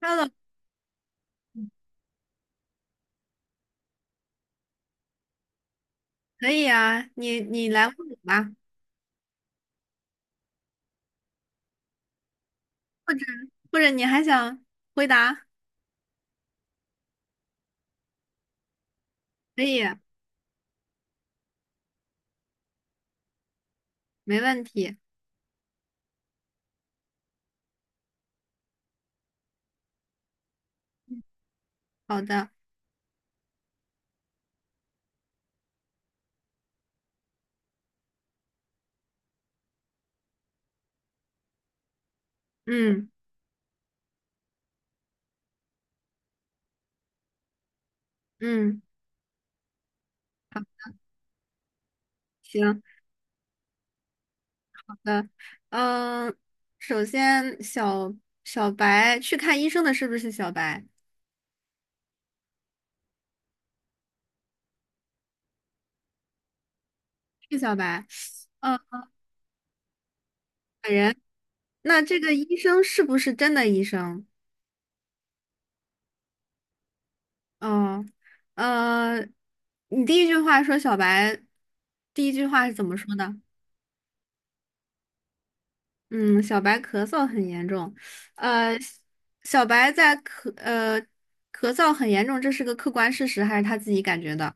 Hello，可以啊，你来问我吧，或者或者你还想回答，可以，没问题。好的，嗯嗯，好，行，好的，嗯，首先小白去看医生的是不是小白？是小白，嗯，本人。那这个医生是不是真的医生？嗯，嗯，你第一句话说小白，第一句话是怎么说的？嗯，小白咳嗽很严重，呃，小白在咳嗽很严重，这是个客观事实还是他自己感觉的？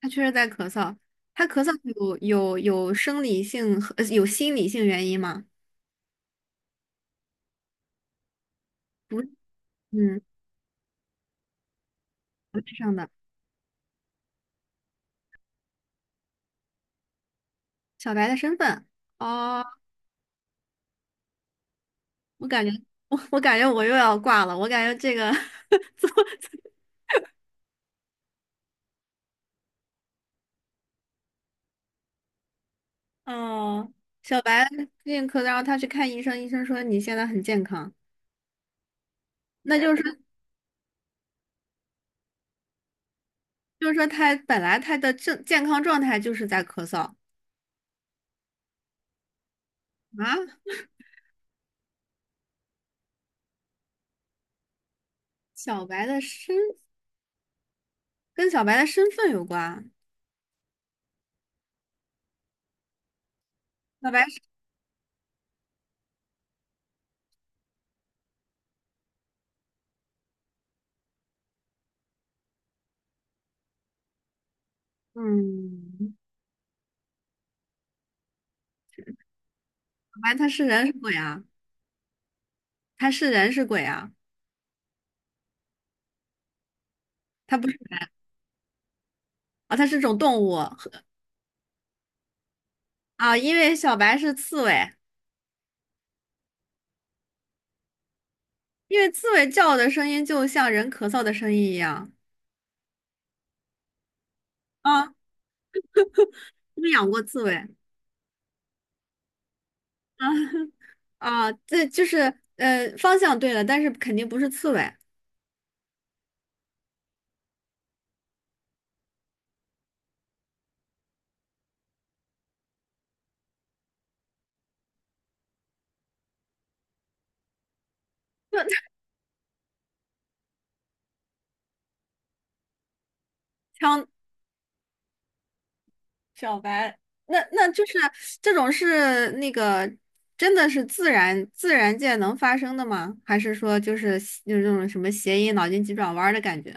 他确实在咳嗽，他咳嗽有生理性和有心理性原因吗？不是，嗯，不是上的。小白的身份哦，我感觉我感觉我又要挂了，我感觉这个 怎么哦，小白最近咳嗽，然后他去看医生，医生说你现在很健康，那就是说他本来他的正健康状态就是在咳嗽啊。小白的身跟小白的身份有关，小白是嗯，小白他是人是鬼啊？他是人是鬼啊？他不是人啊，他是种动物啊，因为小白是刺猬，因为刺猬叫的声音就像人咳嗽的声音一样啊。你们养过刺猬啊啊？这就是方向对了，但是肯定不是刺猬。就强小白，那就是这种是那个真的是自然界能发生的吗？还是说就是那种什么谐音脑筋急转弯儿的感觉？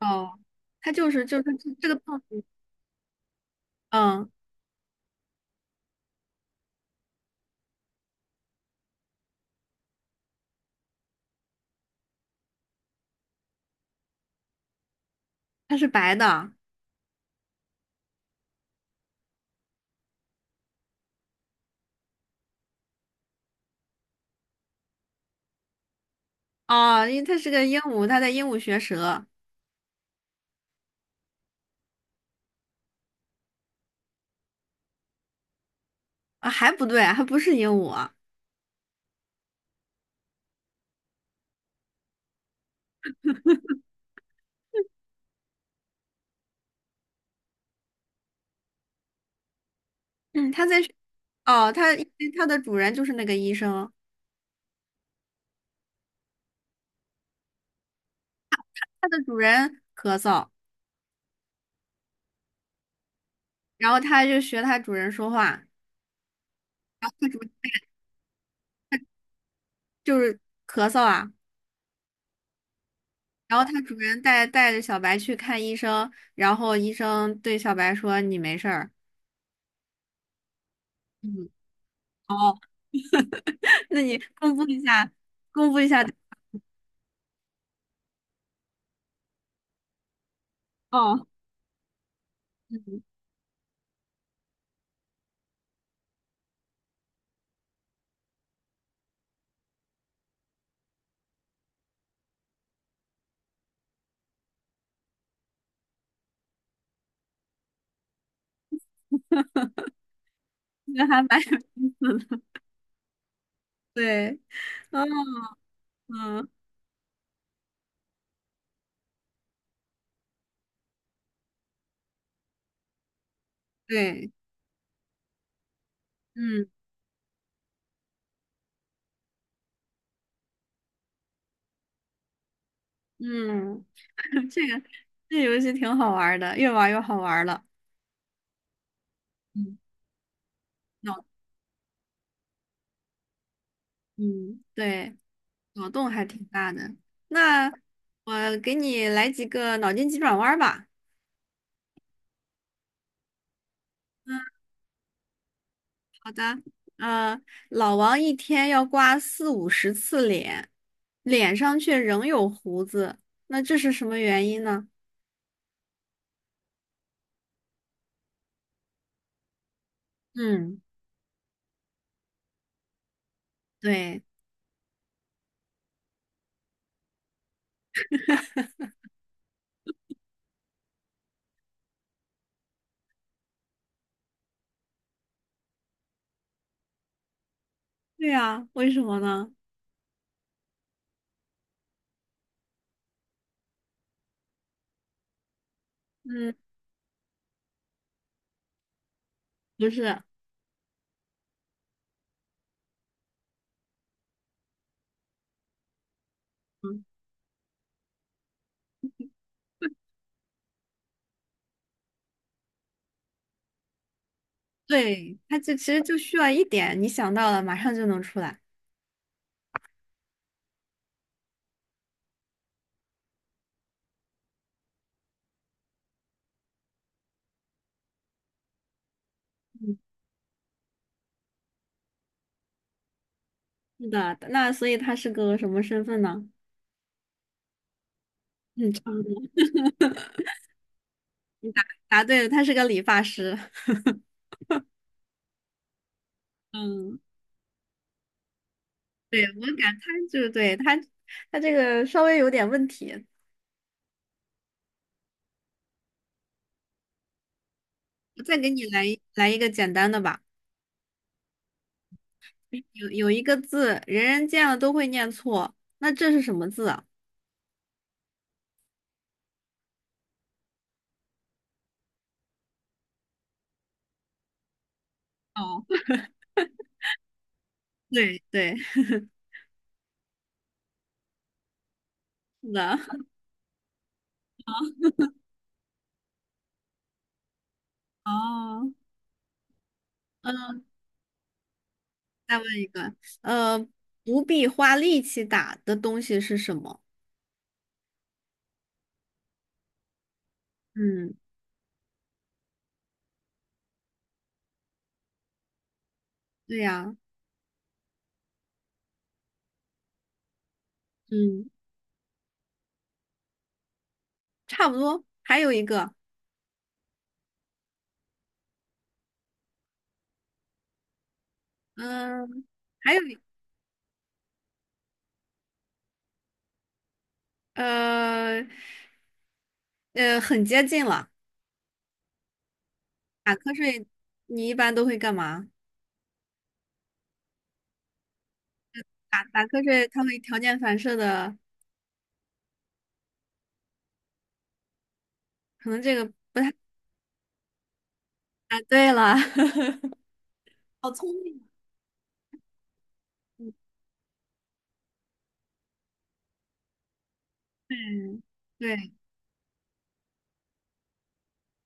哦，它就是这个动物，嗯，它是白的哦，因为它是个鹦鹉，它在鹦鹉学舌啊，还不对，还不是鹦鹉啊嗯，它在学哦，它因为它的主人就是那个医生，它的主人咳嗽，然后它就学它主人说话，就是咳嗽啊。然后他主人带着小白去看医生，然后医生对小白说：“你没事儿。”嗯，那你公布一下，公布一下。哦，这个还蛮有意思的。对，嗯嗯，对，嗯嗯，这个这游戏挺好玩儿的，越玩儿越好玩儿了。嗯，脑嗯对，脑洞还挺大的。那我给你来几个脑筋急转弯儿吧。好的，嗯、老王一天要刮四五十次脸，脸上却仍有胡子，那这是什么原因呢？嗯，对，对啊，为什么呢？嗯，不是，嗯，对，他就其实就需要一点，你想到了，马上就能出来。嗯，是的，那所以他是个什么身份呢？嗯，差不多答对了，他是个理发师。嗯，对，我感他就是对他，他这个稍微有点问题。我再给你来一个简单的吧。有一个字，人人见了都会念错，那这是什么字啊？哦，对对，是的。哦，嗯，再问一个，呃，不必花力气打的东西是什么？嗯，对呀，嗯，差不多。还有一个，嗯，还有一呃呃，很接近了。打瞌睡，你一般都会干嘛？打瞌睡，它会条件反射的，可能这个不太啊。对了，嗯，对，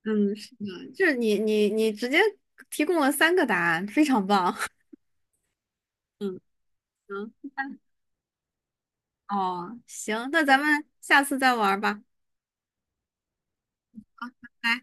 嗯，是的，就是你直接提供了三个答案，非常棒。嗯，行，哦，行，那咱们下次再玩儿吧。拜。